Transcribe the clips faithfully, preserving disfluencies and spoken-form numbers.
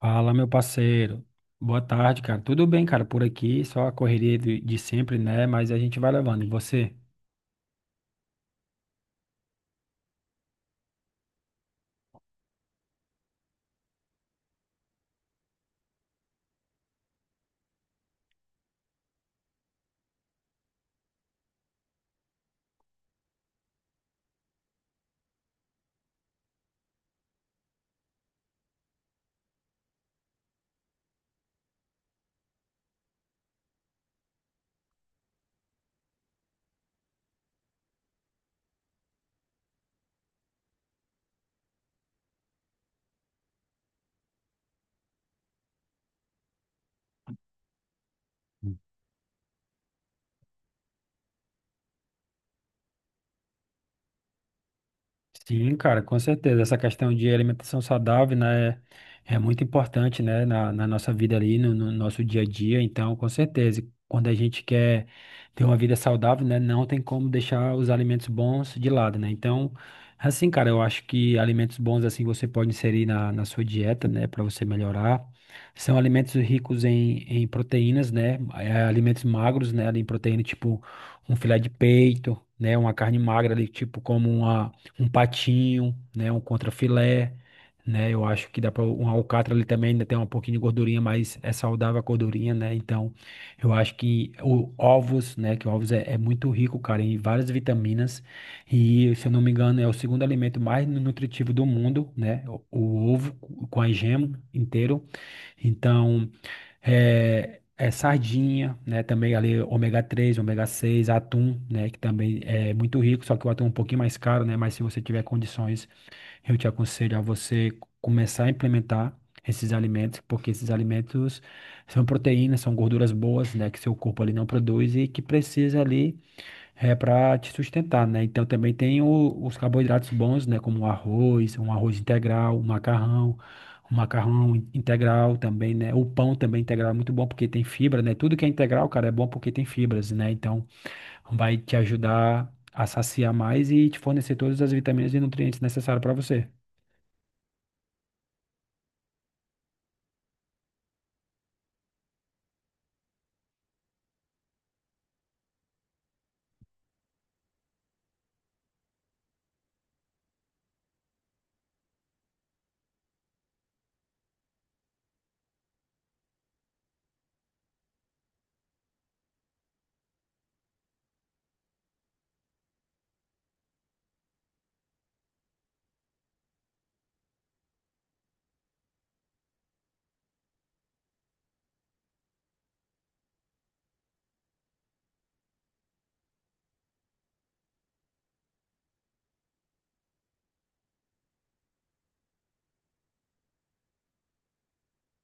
Fala, meu parceiro. Boa tarde, cara. Tudo bem, cara, por aqui, só a correria de, de sempre, né? Mas a gente vai levando. E você? Sim, cara, com certeza. Essa questão de alimentação saudável, né, é é muito importante, né, na, na nossa vida ali, no, no nosso dia a dia. Então, com certeza, quando a gente quer ter uma vida saudável, né, não tem como deixar os alimentos bons de lado, né? Então, assim, cara, eu acho que alimentos bons, assim, você pode inserir na, na sua dieta, né, para você melhorar. São alimentos ricos em, em proteínas, né, é, alimentos magros, né, ali em proteína, tipo um filé de peito, né, uma carne magra ali, tipo como uma um patinho, né, um contrafilé, né? Eu acho que dá para um alcatra ali também ainda tem um pouquinho de gordurinha, mas é saudável a gordurinha, né? Então, eu acho que o ovos, né, que ovos é, é muito rico, cara, em várias vitaminas e, se eu não me engano, é o segundo alimento mais nutritivo do mundo, né? O, o ovo co- com a gema inteiro. Então, é, é sardinha, né? Também ali ômega três ômega seis atum, né? Que também é muito rico, só que o atum é um pouquinho mais caro, né? Mas se você tiver condições, eu te aconselho a você começar a implementar esses alimentos, porque esses alimentos são proteínas, são gorduras boas, né? Que seu corpo ali não produz e que precisa ali é para te sustentar, né? Então também tem o- os carboidratos bons, né? Como o arroz, um arroz integral, o macarrão, o macarrão in- integral também, né? O pão também integral é muito bom porque tem fibra, né? Tudo que é integral, cara, é bom porque tem fibras, né? Então vai te ajudar a saciar mais e te fornecer todas as vitaminas e nutrientes necessários para você.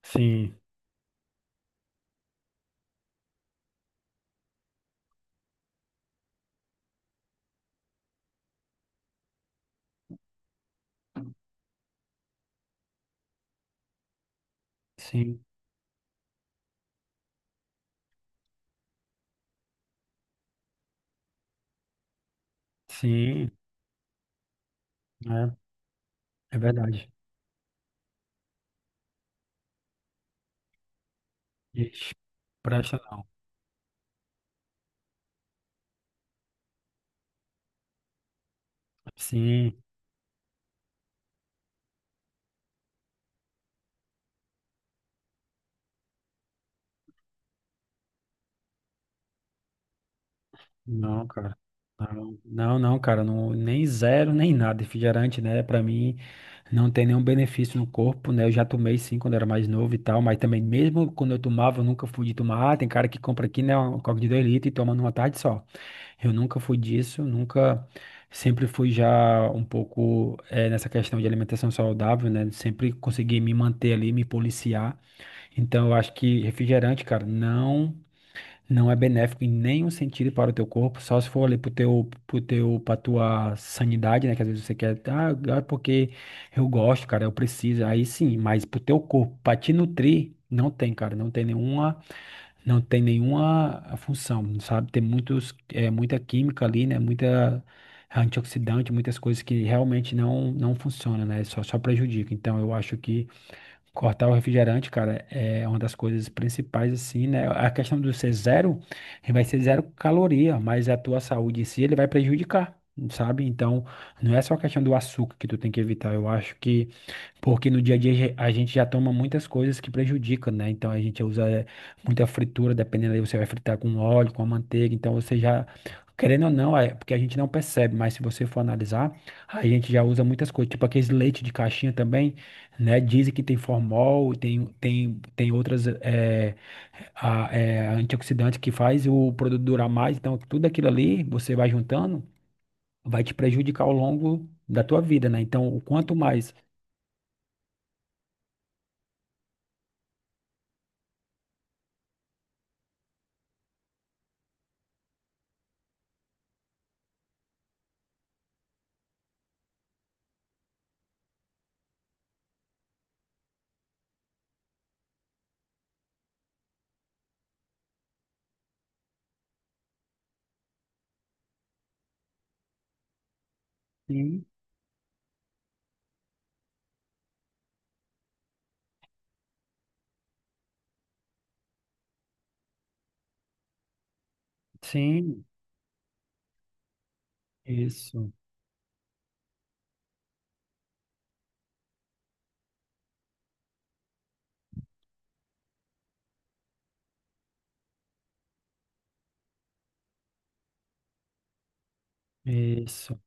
Sim, sim, sim, né? É verdade. Ixi, presta não. Sim. Não, cara. Não, não, não, cara, não, nem zero, nem nada. Refrigerante, né? Pra mim, não tem nenhum benefício no corpo, né? Eu já tomei sim quando era mais novo e tal, mas também, mesmo quando eu tomava, eu nunca fui de tomar. Ah, tem cara que compra aqui, né? Um coca de dois litros e toma numa tarde só. Eu nunca fui disso, nunca. Sempre fui já um pouco eh, nessa questão de alimentação saudável, né? Sempre consegui me manter ali, me policiar. Então, eu acho que refrigerante, cara, não. Não é benéfico em nenhum sentido para o teu corpo, só se for ali pro teu, pro teu, pra tua sanidade, né? Que às vezes você quer, ah, é porque eu gosto, cara, eu preciso. Aí sim, mas pro teu corpo, pra te nutrir, não tem, cara, não tem nenhuma, não tem nenhuma função, sabe? Tem muitos, é, muita química ali, né? Muita antioxidante, muitas coisas que realmente não, não funcionam, né? Só, só prejudica. Então eu acho que cortar o refrigerante, cara, é uma das coisas principais, assim, né? A questão do ser zero, ele vai ser zero caloria, mas a tua saúde em si, ele vai prejudicar, sabe? Então, não é só a questão do açúcar que tu tem que evitar. Eu acho que porque no dia a dia a gente já toma muitas coisas que prejudicam, né? Então a gente usa eh, muita fritura, dependendo aí, você vai fritar com óleo, com a manteiga, então você já, querendo ou não, é porque a gente não percebe, mas se você for analisar, a gente já usa muitas coisas, tipo aqueles leite de caixinha também, né? Dizem que tem formol, tem, tem, tem outras eh, a- eh, antioxidantes que faz o produto durar mais, então tudo aquilo ali você vai juntando, vai te prejudicar ao longo da tua vida, né? Então, o quanto mais. Sim. Sim, isso, isso.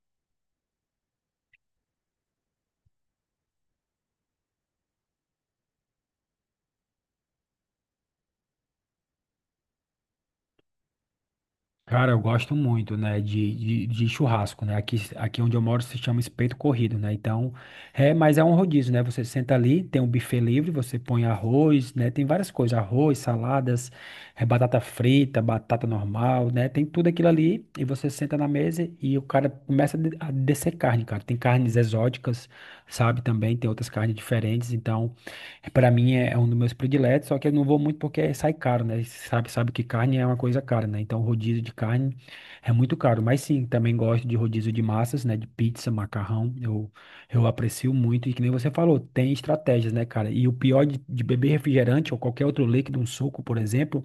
Cara, eu gosto muito, né, de, de, de churrasco, né? Aqui, aqui onde eu moro se chama espeto corrido, né? Então, é, mas é um rodízio, né? Você senta ali, tem um buffet livre, você põe arroz, né? Tem várias coisas, arroz, saladas, é, batata frita, batata normal, né? Tem tudo aquilo ali e você senta na mesa e o cara começa a de- a descer carne, cara. Tem carnes exóticas, sabe? Também tem outras carnes diferentes, então é, pra mim é é um dos meus prediletos, só que eu não vou muito porque sai caro, né? Sabe, sabe que carne é uma coisa cara, né? Então rodízio de carne é muito caro. Mas sim, também gosto de rodízio de massas, né? De pizza, macarrão. Eu, eu aprecio muito. E que nem você falou, tem estratégias, né, cara? E o pior de, de beber refrigerante ou qualquer outro líquido, um suco, por exemplo,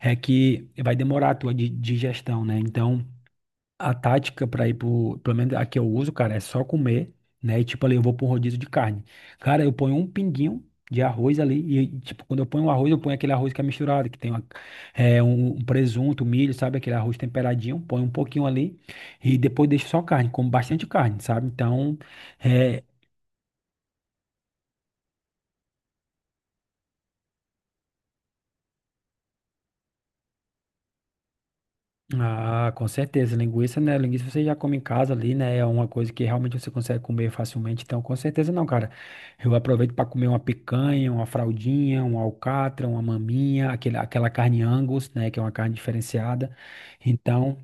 é que vai demorar a tua di- digestão, né? Então. A tática pra ir pro, pelo menos a que eu uso, cara, é só comer, né? E tipo ali, eu vou pra um rodízio de carne. Cara, eu ponho um pinguinho de arroz ali e tipo, quando eu ponho o arroz, eu ponho aquele arroz que é misturado, que tem uma, é, um, um presunto, milho, sabe? Aquele arroz temperadinho, ponho um pouquinho ali e depois deixo só carne, como bastante carne, sabe? Então, é, ah, com certeza. Linguiça, né? Linguiça você já come em casa ali, né? É uma coisa que realmente você consegue comer facilmente. Então, com certeza não, cara. Eu aproveito para comer uma picanha, uma fraldinha, um alcatra, uma maminha, aquele, aquela carne Angus, né? Que é uma carne diferenciada. Então,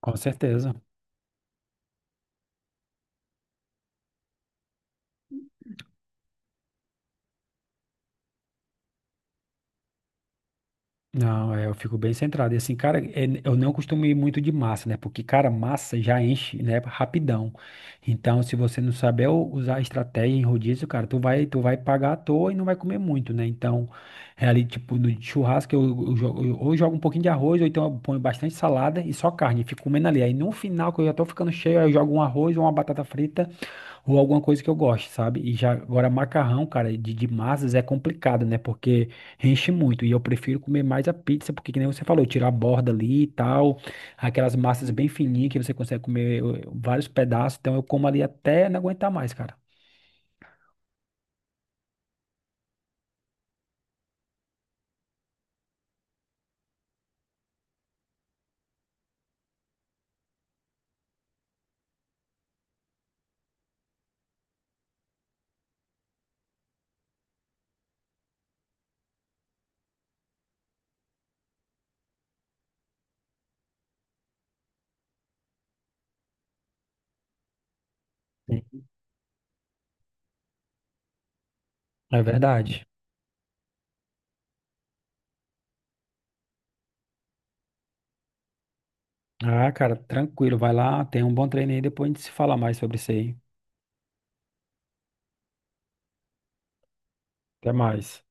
com certeza. Não, é, eu fico bem centrado. E assim, cara, é, eu não costumo ir muito de massa, né? Porque, cara, massa já enche, né? Rapidão. Então, se você não saber u- usar a estratégia em rodízio, cara, tu vai, tu vai pagar à toa e não vai comer muito, né? Então, é ali, tipo, no churrasco, eu, eu, jogo- eu- ou eu jogo um pouquinho de arroz, ou então eu ponho bastante salada e só carne. Fico comendo ali. Aí, no final, que eu já tô ficando cheio, aí eu jogo um arroz ou uma batata frita ou alguma coisa que eu goste, sabe? E já agora macarrão, cara, de, de massas é complicado, né? Porque enche muito e eu prefiro comer mais a pizza, porque que nem você falou, tirar a borda ali e tal, aquelas massas bem fininhas que você consegue comer eh, vários pedaços, então eu como ali até não aguentar mais, cara. Sim. É verdade. Ah, cara, tranquilo, vai lá, tem um bom treino aí, depois a gente se fala mais sobre isso aí. Até mais.